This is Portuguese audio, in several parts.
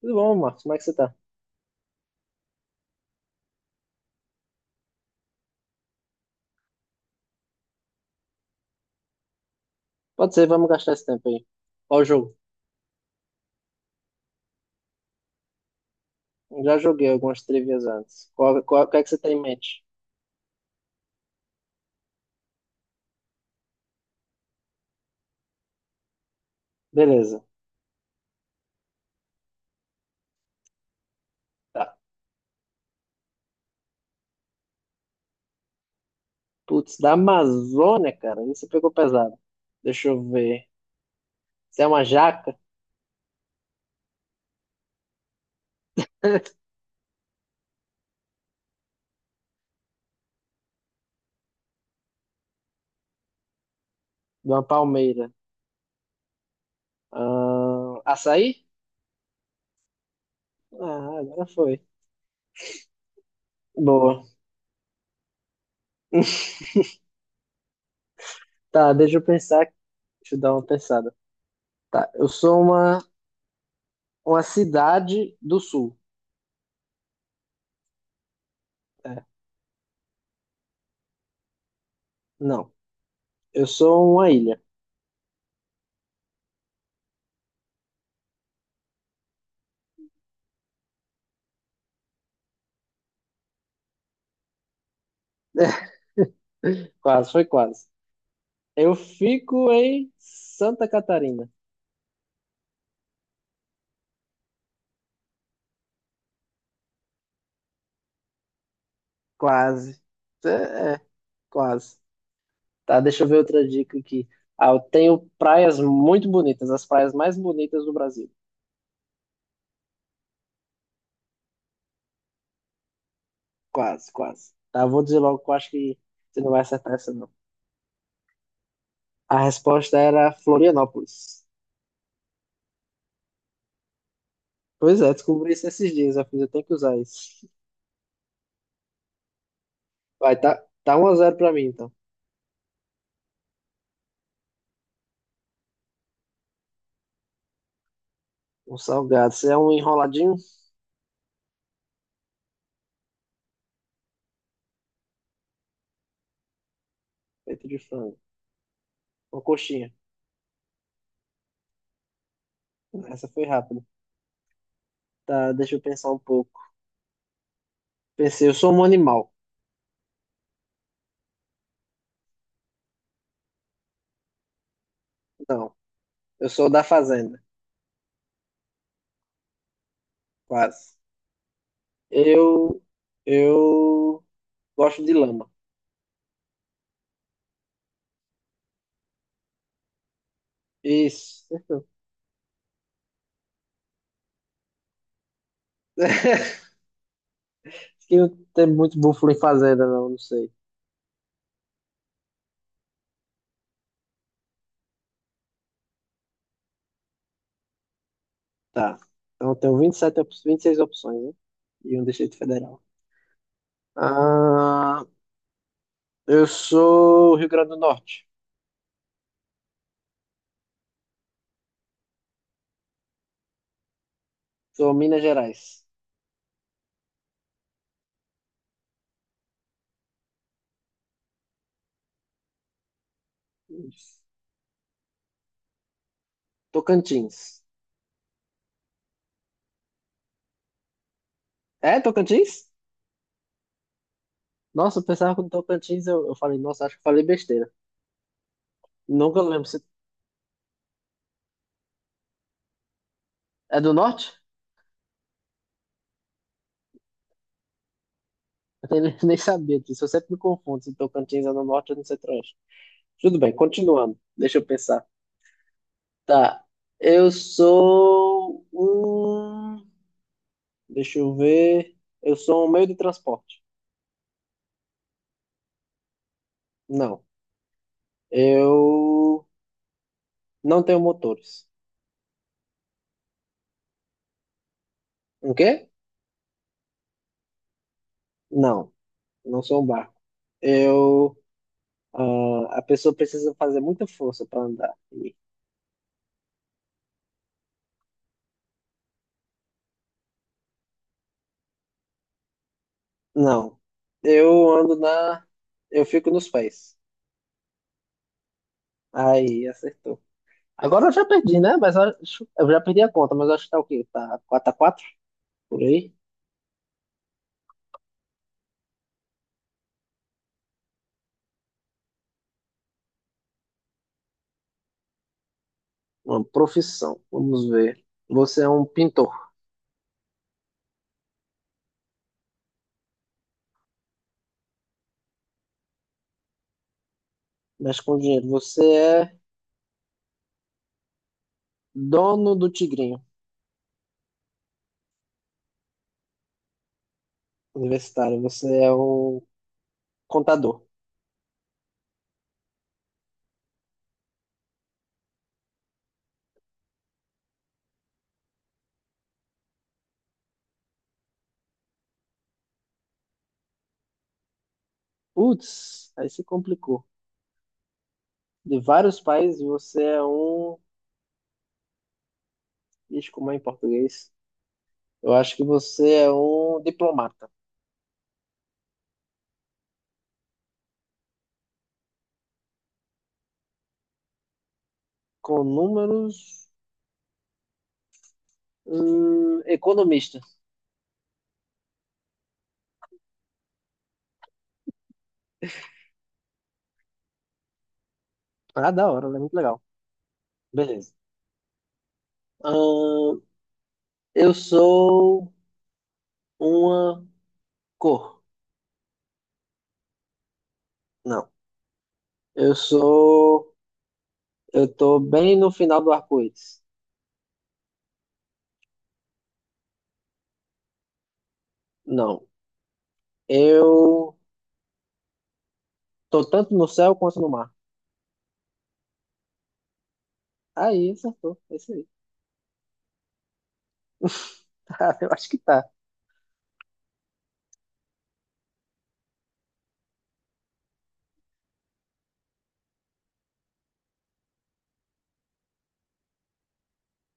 Tudo bom, Marcos? Como é que você tá? Pode ser, vamos gastar esse tempo aí. Qual o jogo? Já joguei algumas trivias antes. Qual, o que é que você tem em mente? Beleza. Tá. Putz, da Amazônia, cara. Isso pegou pesado. Deixa eu ver. Você é uma jaca? De uma palmeira. Ah, açaí? Ah, agora foi. Boa. Tá, deixa eu pensar. Deixa eu dar uma pensada. Tá, eu sou uma cidade do sul. É, não. Eu sou uma ilha. Quase, foi quase. Eu fico em Santa Catarina. Quase. É, é, quase. Tá, deixa eu ver outra dica aqui. Ah, eu tenho praias muito bonitas, as praias mais bonitas do Brasil. Quase, quase. Tá, eu vou dizer logo que eu acho que você não vai acertar essa, não. A resposta era Florianópolis. Pois é, descobri isso esses dias, eu fiz, eu tenho que usar isso. Vai, tá, tá um a zero pra mim, então. Um salgado. Você é um enroladinho feito de frango. Uma coxinha. Essa foi rápida. Tá, deixa eu pensar um pouco. Pensei, eu sou um animal. Não, eu sou da fazenda, quase. Eu, eu gosto de lama. Isso. Acho que não tem muito búfalo em fazenda, não, não sei. Tá. Então eu tenho 27, op- 26 opções, né? E um Distrito Federal. Ah, eu sou Rio Grande do Norte. Sou Minas Gerais. Tocantins. É, Tocantins? Nossa, eu pensava que no Tocantins eu falei, nossa, acho que eu falei besteira. Nunca lembro se. É do norte? Eu nem sabia disso. Eu sempre me confundo se Tocantins é no norte ou no centro-oeste. Tudo bem, continuando. Deixa eu pensar. Tá. Eu sou um. Deixa eu ver. Eu sou um meio de transporte. Não. Eu não tenho motores. O quê? Não. Não sou um barco. Eu. Ah, a pessoa precisa fazer muita força para andar. Não. Eu ando na. Eu fico nos pés. Aí, acertou. Agora eu já perdi, né? Mas acho, eu já perdi a conta, mas acho que tá o quê? Tá quatro a 4 por aí? Uma profissão. Vamos ver. Você é um pintor, mexe com dinheiro. Você é dono do Tigrinho Universitário. Você é um contador. Putz, aí se complicou. De vários países, você é um. Ixi, como é em português? Eu acho que você é um diplomata. Com números. Economista. Ah, da hora, né? Muito legal. Beleza. Ahn, Eu sou uma cor. Não. Eu sou. Eu tô bem no final do arco-íris. Não. Eu tô tanto no céu quanto no mar. Aí, acertou. É isso aí. Tá, eu acho que tá.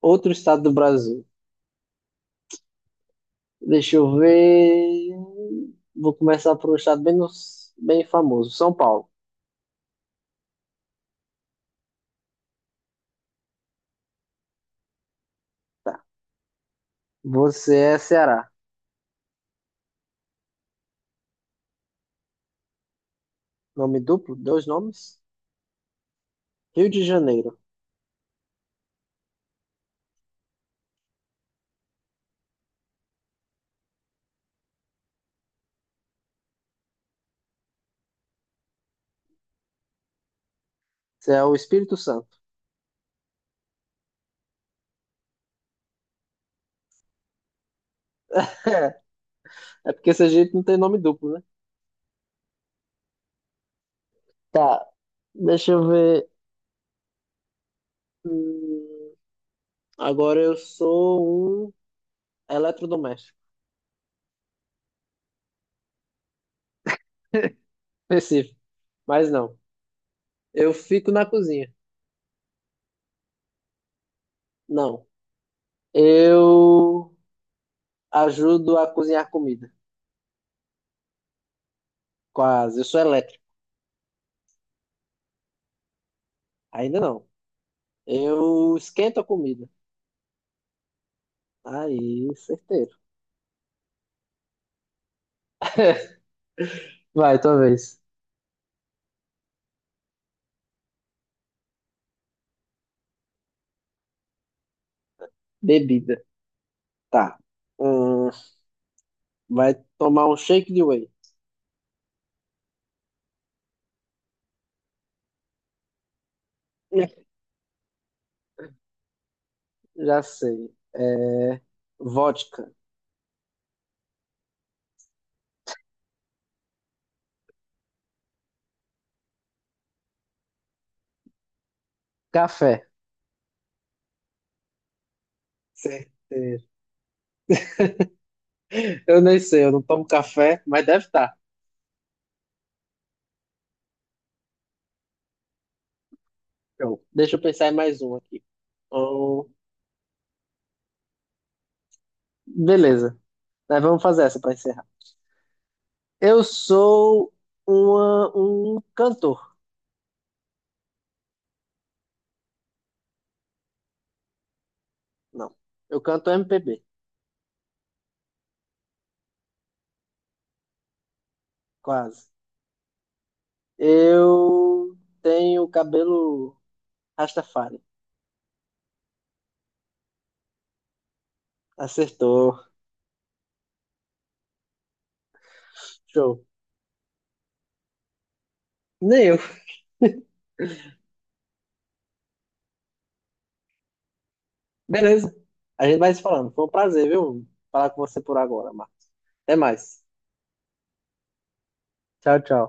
Outro estado do Brasil. Deixa eu ver. Vou começar por um estado bem, no- bem famoso. São Paulo. Tá. Você é Ceará. Nome duplo? Dois nomes? Rio de Janeiro. Você é o Espírito Santo. É porque esse jeito não tem nome duplo, né? Tá, deixa eu ver. Hum, agora eu sou um eletrodoméstico. Específico, mas não. Eu fico na cozinha. Não. Eu ajudo a cozinhar comida. Quase. Eu sou elétrico. Ainda não. Eu esquento a comida. Aí, certeiro. Vai, talvez. Bebida. Tá. Hum, vai tomar um shake de whey. Já sei. É, vodka. Café. Certeiro. Eu nem sei, eu não tomo café, mas deve estar. Então, deixa eu pensar em mais um aqui. Oh, beleza. Mas vamos fazer essa para encerrar. Eu sou um cantor. Não, eu canto MPB, quase. Eu tenho cabelo Rastafari. Acertou. Show. Nem eu. Beleza. A gente vai se falando. Foi um prazer, viu? Falar com você por agora, Marcos. Até mais. Tchau, tchau.